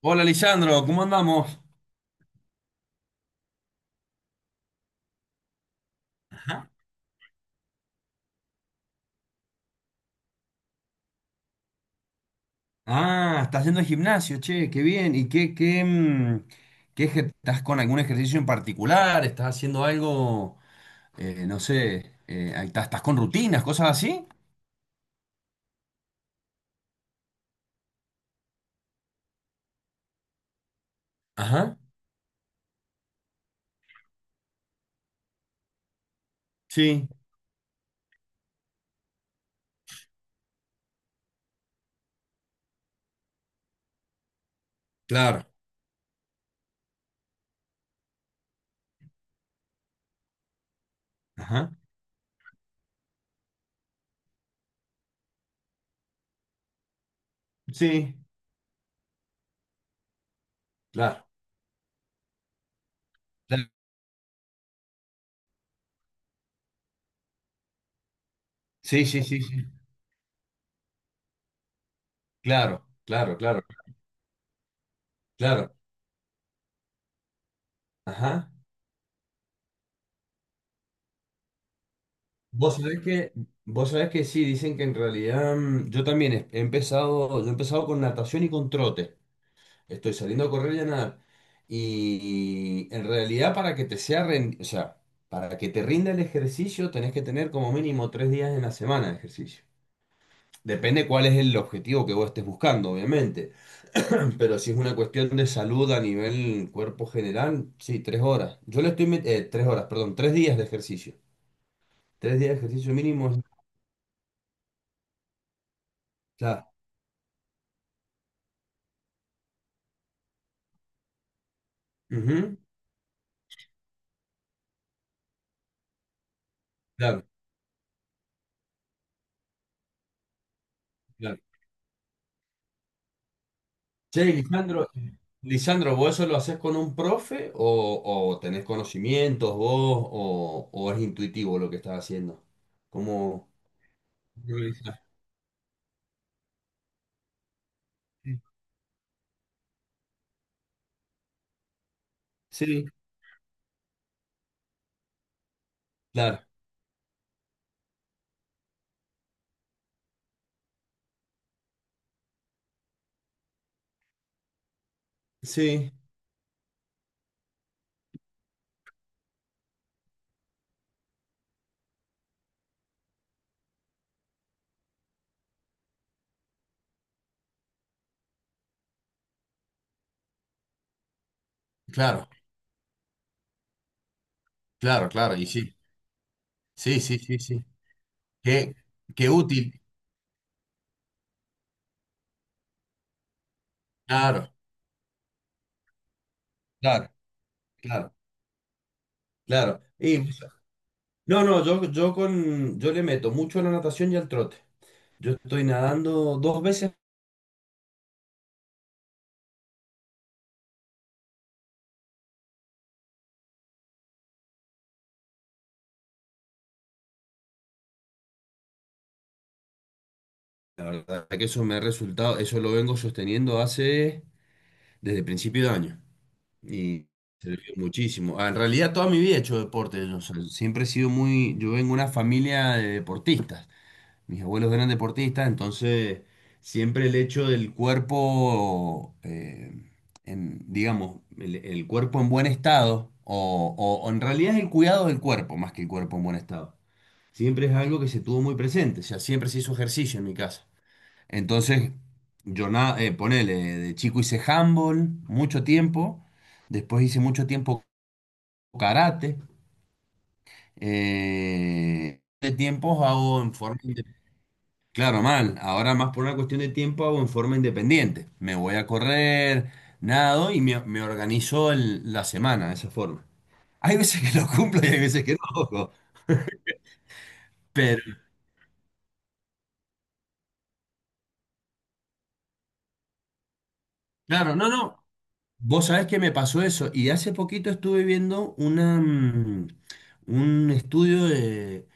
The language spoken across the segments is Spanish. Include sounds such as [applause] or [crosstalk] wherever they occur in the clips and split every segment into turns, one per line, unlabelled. Hola, Lisandro, ¿cómo andamos? Ajá. Ah, estás yendo al gimnasio, che, qué bien. ¿Y qué estás con algún ejercicio en particular? ¿Estás haciendo algo, no sé, ahí estás con rutinas, cosas así? Ajá. Sí. Claro. Ajá. Sí. Claro, claro. Sí, sí, sí, sí. Claro, claro, claro, claro. Ajá. Vos sabés que, vos sabés que sí, dicen que en realidad yo también he empezado, yo he empezado con natación y con trote. Estoy saliendo a correr y a nadar. Y en realidad para que o sea, para que te rinda el ejercicio tenés que tener como mínimo 3 días en la semana de ejercicio. Depende cuál es el objetivo que vos estés buscando, obviamente. [clears throat] Pero si es una cuestión de salud a nivel cuerpo general, sí, 3 horas. Yo le estoy met- tres horas, perdón, 3 días de ejercicio. 3 días de ejercicio mínimo es... Claro. Ujú. Claro, claro. Che, Lisandro, Lisandro, ¿vos eso lo haces con un profe o tenés conocimientos vos o es intuitivo lo que estás haciendo? ¿Cómo organizás? Sí, claro, sí, claro, claro, claro, y sí, sí, sí, sí, sí. Qué, qué útil, claro, claro, claro, claro. Y no, no, yo yo le meto mucho a la natación y al trote. Yo estoy nadando dos veces, la verdad que eso me ha resultado, eso lo vengo sosteniendo hace desde principio de año y sirvió muchísimo. Ah, en realidad toda mi vida he hecho deporte, yo, o sea, siempre he sido muy, yo vengo de una familia de deportistas, mis abuelos eran deportistas, entonces siempre el hecho del cuerpo, en, digamos, el cuerpo en buen estado, o en realidad es el cuidado del cuerpo más que el cuerpo en buen estado, siempre es algo que se tuvo muy presente, o sea, siempre se hizo ejercicio en mi casa. Entonces, ponele, de chico hice handball mucho tiempo, después hice mucho tiempo karate, de tiempos hago en forma independiente. Claro, mal, ahora más por una cuestión de tiempo hago en forma independiente. Me voy a correr, nado y me organizo la semana de esa forma. Hay veces que lo cumplo y hay veces que no. [laughs] Pero claro, no, no. Vos sabés que me pasó eso y hace poquito estuve viendo un estudio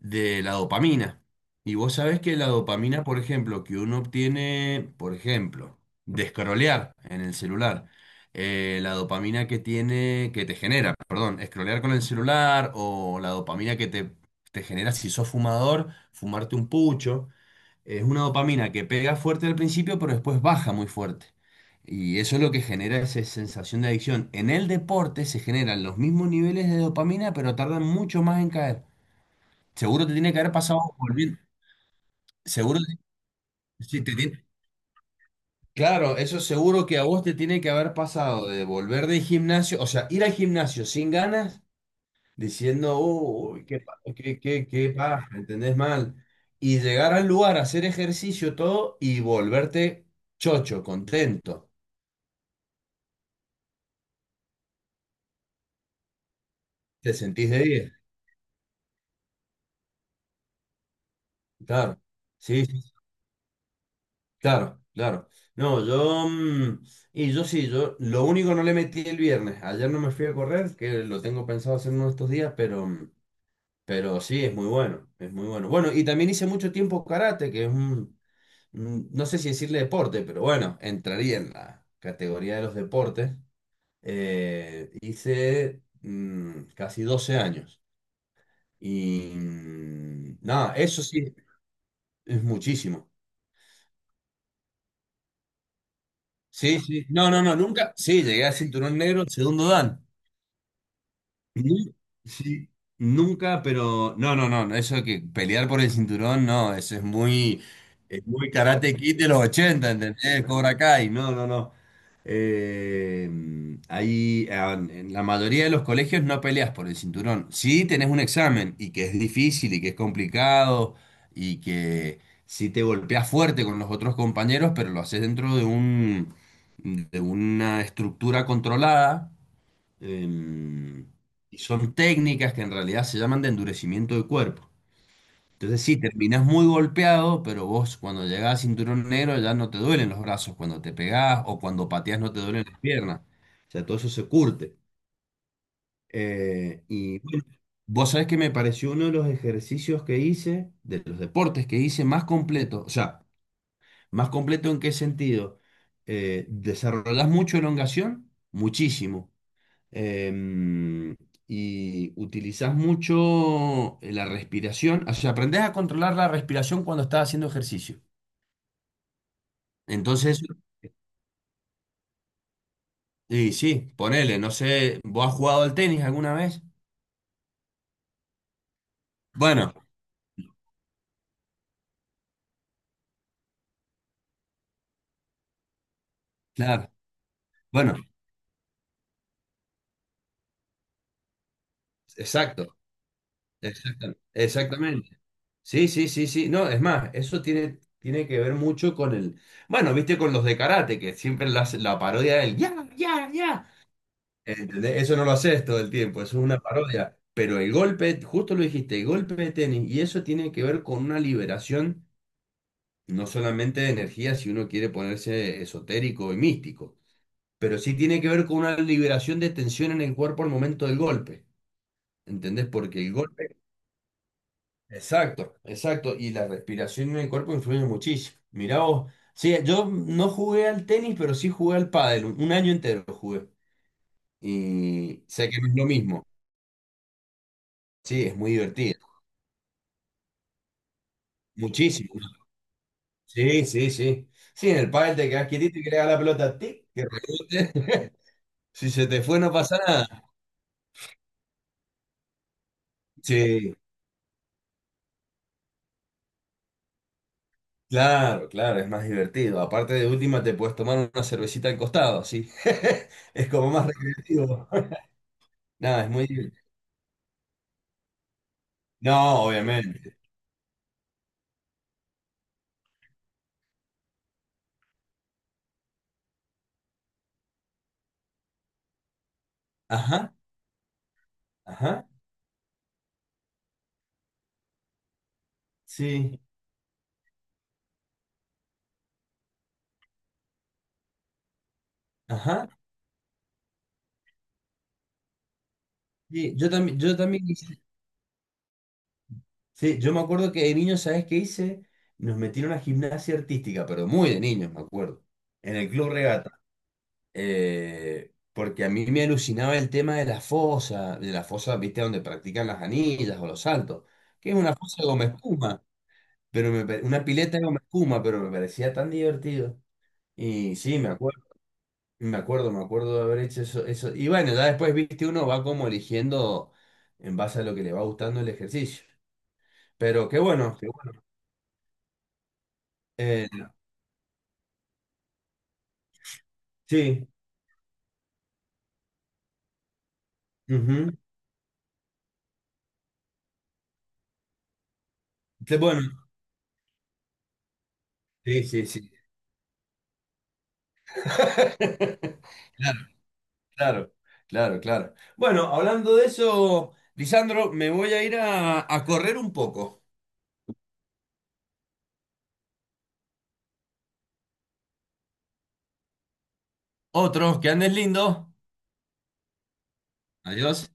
de la dopamina. Y vos sabés que la dopamina, por ejemplo, que uno obtiene, por ejemplo, de scrollear en el celular, la dopamina que tiene, que te genera, perdón, scrollear con el celular o la dopamina que te genera si sos fumador, fumarte un pucho. Es una dopamina que pega fuerte al principio, pero después baja muy fuerte. Y eso es lo que genera esa sensación de adicción. En el deporte se generan los mismos niveles de dopamina, pero tardan mucho más en caer. Seguro te tiene que haber pasado volviendo. Seguro, sí, te tiene... Claro, eso seguro que a vos te tiene que haber pasado de volver del gimnasio, o sea, ir al gimnasio sin ganas diciendo, uy, qué, pa- qué, qué, qué paja, ¿entendés mal? Y llegar al lugar, hacer ejercicio, todo, y volverte chocho, contento. Te sentís de diez. Claro, sí, sí, sí, claro, claro. No, yo, y yo sí, yo, lo único no le metí el viernes. Ayer no me fui a correr, que lo tengo pensado hacer uno de estos días, pero, pero sí, es muy bueno, es muy bueno. Bueno, y también hice mucho tiempo karate, que es un... no sé si decirle deporte, pero bueno, entraría en la categoría de los deportes. Hice casi 12 años. Y nada, eso sí, es muchísimo. Sí, sí. No, no, no, nunca. Sí, llegué a cinturón negro, segundo dan. Nu... sí, nunca, pero no, no, no, eso que pelear por el cinturón, no, eso es muy Karate Kid de los 80, ¿entendés? Cobra Kai, no, no, no. Eh, ahí, ah, en la mayoría de los colegios no peleas por el cinturón. Sí tenés un examen y que es difícil y que es complicado y que sí te golpeas fuerte con los otros compañeros, pero lo haces dentro de un, de una estructura controlada. Em, y son técnicas que en realidad se llaman de endurecimiento del cuerpo. Entonces sí, terminás muy golpeado, pero vos cuando llegás a cinturón negro ya no te duelen los brazos cuando te pegás o cuando pateás no te duelen las piernas. O sea, todo eso se curte. Y bueno, vos sabés que me pareció uno de los ejercicios que hice, de los deportes que hice más completo. O sea, ¿más completo en qué sentido? Desarrollás mucho elongación, muchísimo. em, y utilizás mucho la respiración, o sea, aprendés a controlar la respiración cuando estás haciendo ejercicio. Entonces, y sí, ponele, no sé, ¿vos has jugado al tenis alguna vez? Bueno, claro, bueno, exacto, exactamente. Sí, sí, sí, sí, no, es más, eso tiene, tiene que ver mucho con bueno, viste con los de karate, que siempre la parodia del ya, ya, ya. ¿Entendés? Eso no lo haces todo el tiempo, eso es una parodia. Pero el golpe, justo lo dijiste, el golpe de tenis, y eso tiene que ver con una liberación, no solamente de energía, si uno quiere ponerse esotérico y místico, pero sí tiene que ver con una liberación de tensión en el cuerpo al momento del golpe. ¿Entendés? Porque el golpe. Exacto, exacto. Y la respiración en el cuerpo influye muchísimo. Mirá vos. Sí, yo no jugué al tenis, pero sí jugué al pádel. Un año entero jugué. Y sé que no es lo mismo. Sí, es muy divertido. Muchísimo. Sí, sí, sí. Sí, en el pádel te quedás quietito y que le haga la pelota a ti, que rebote. [laughs] Si se te fue, no pasa nada. Sí, claro, claro, es más divertido. Aparte de última, te puedes tomar una cervecita al costado, sí. [laughs] Es como más recreativo. [laughs] Nada, es muy divertido. No, obviamente. Ajá, ajá, sí, ajá. Sí, yo también hice. Sí, yo me acuerdo que de niño, ¿sabes qué hice? Nos metieron a gimnasia artística, pero muy de niños, me acuerdo. En el Club Regata. Eh, porque a mí me alucinaba el tema de la fosa, viste, donde practican las anillas o los saltos, que es una fosa de goma espuma, pero una pileta de goma espuma, pero me parecía tan divertido. Y sí, me acuerdo, me acuerdo de haber hecho eso, eso. Y bueno, ya después, viste, uno va como eligiendo en base a lo que le va gustando el ejercicio. Pero qué bueno, qué bueno. Eh, sí, ujú. Qué bueno, sí, sí, sí. [laughs] Claro, claro, claro, claro. Bueno, hablando de eso, Lisandro, me voy a ir a correr un poco. Otros que andes lindo. Adiós.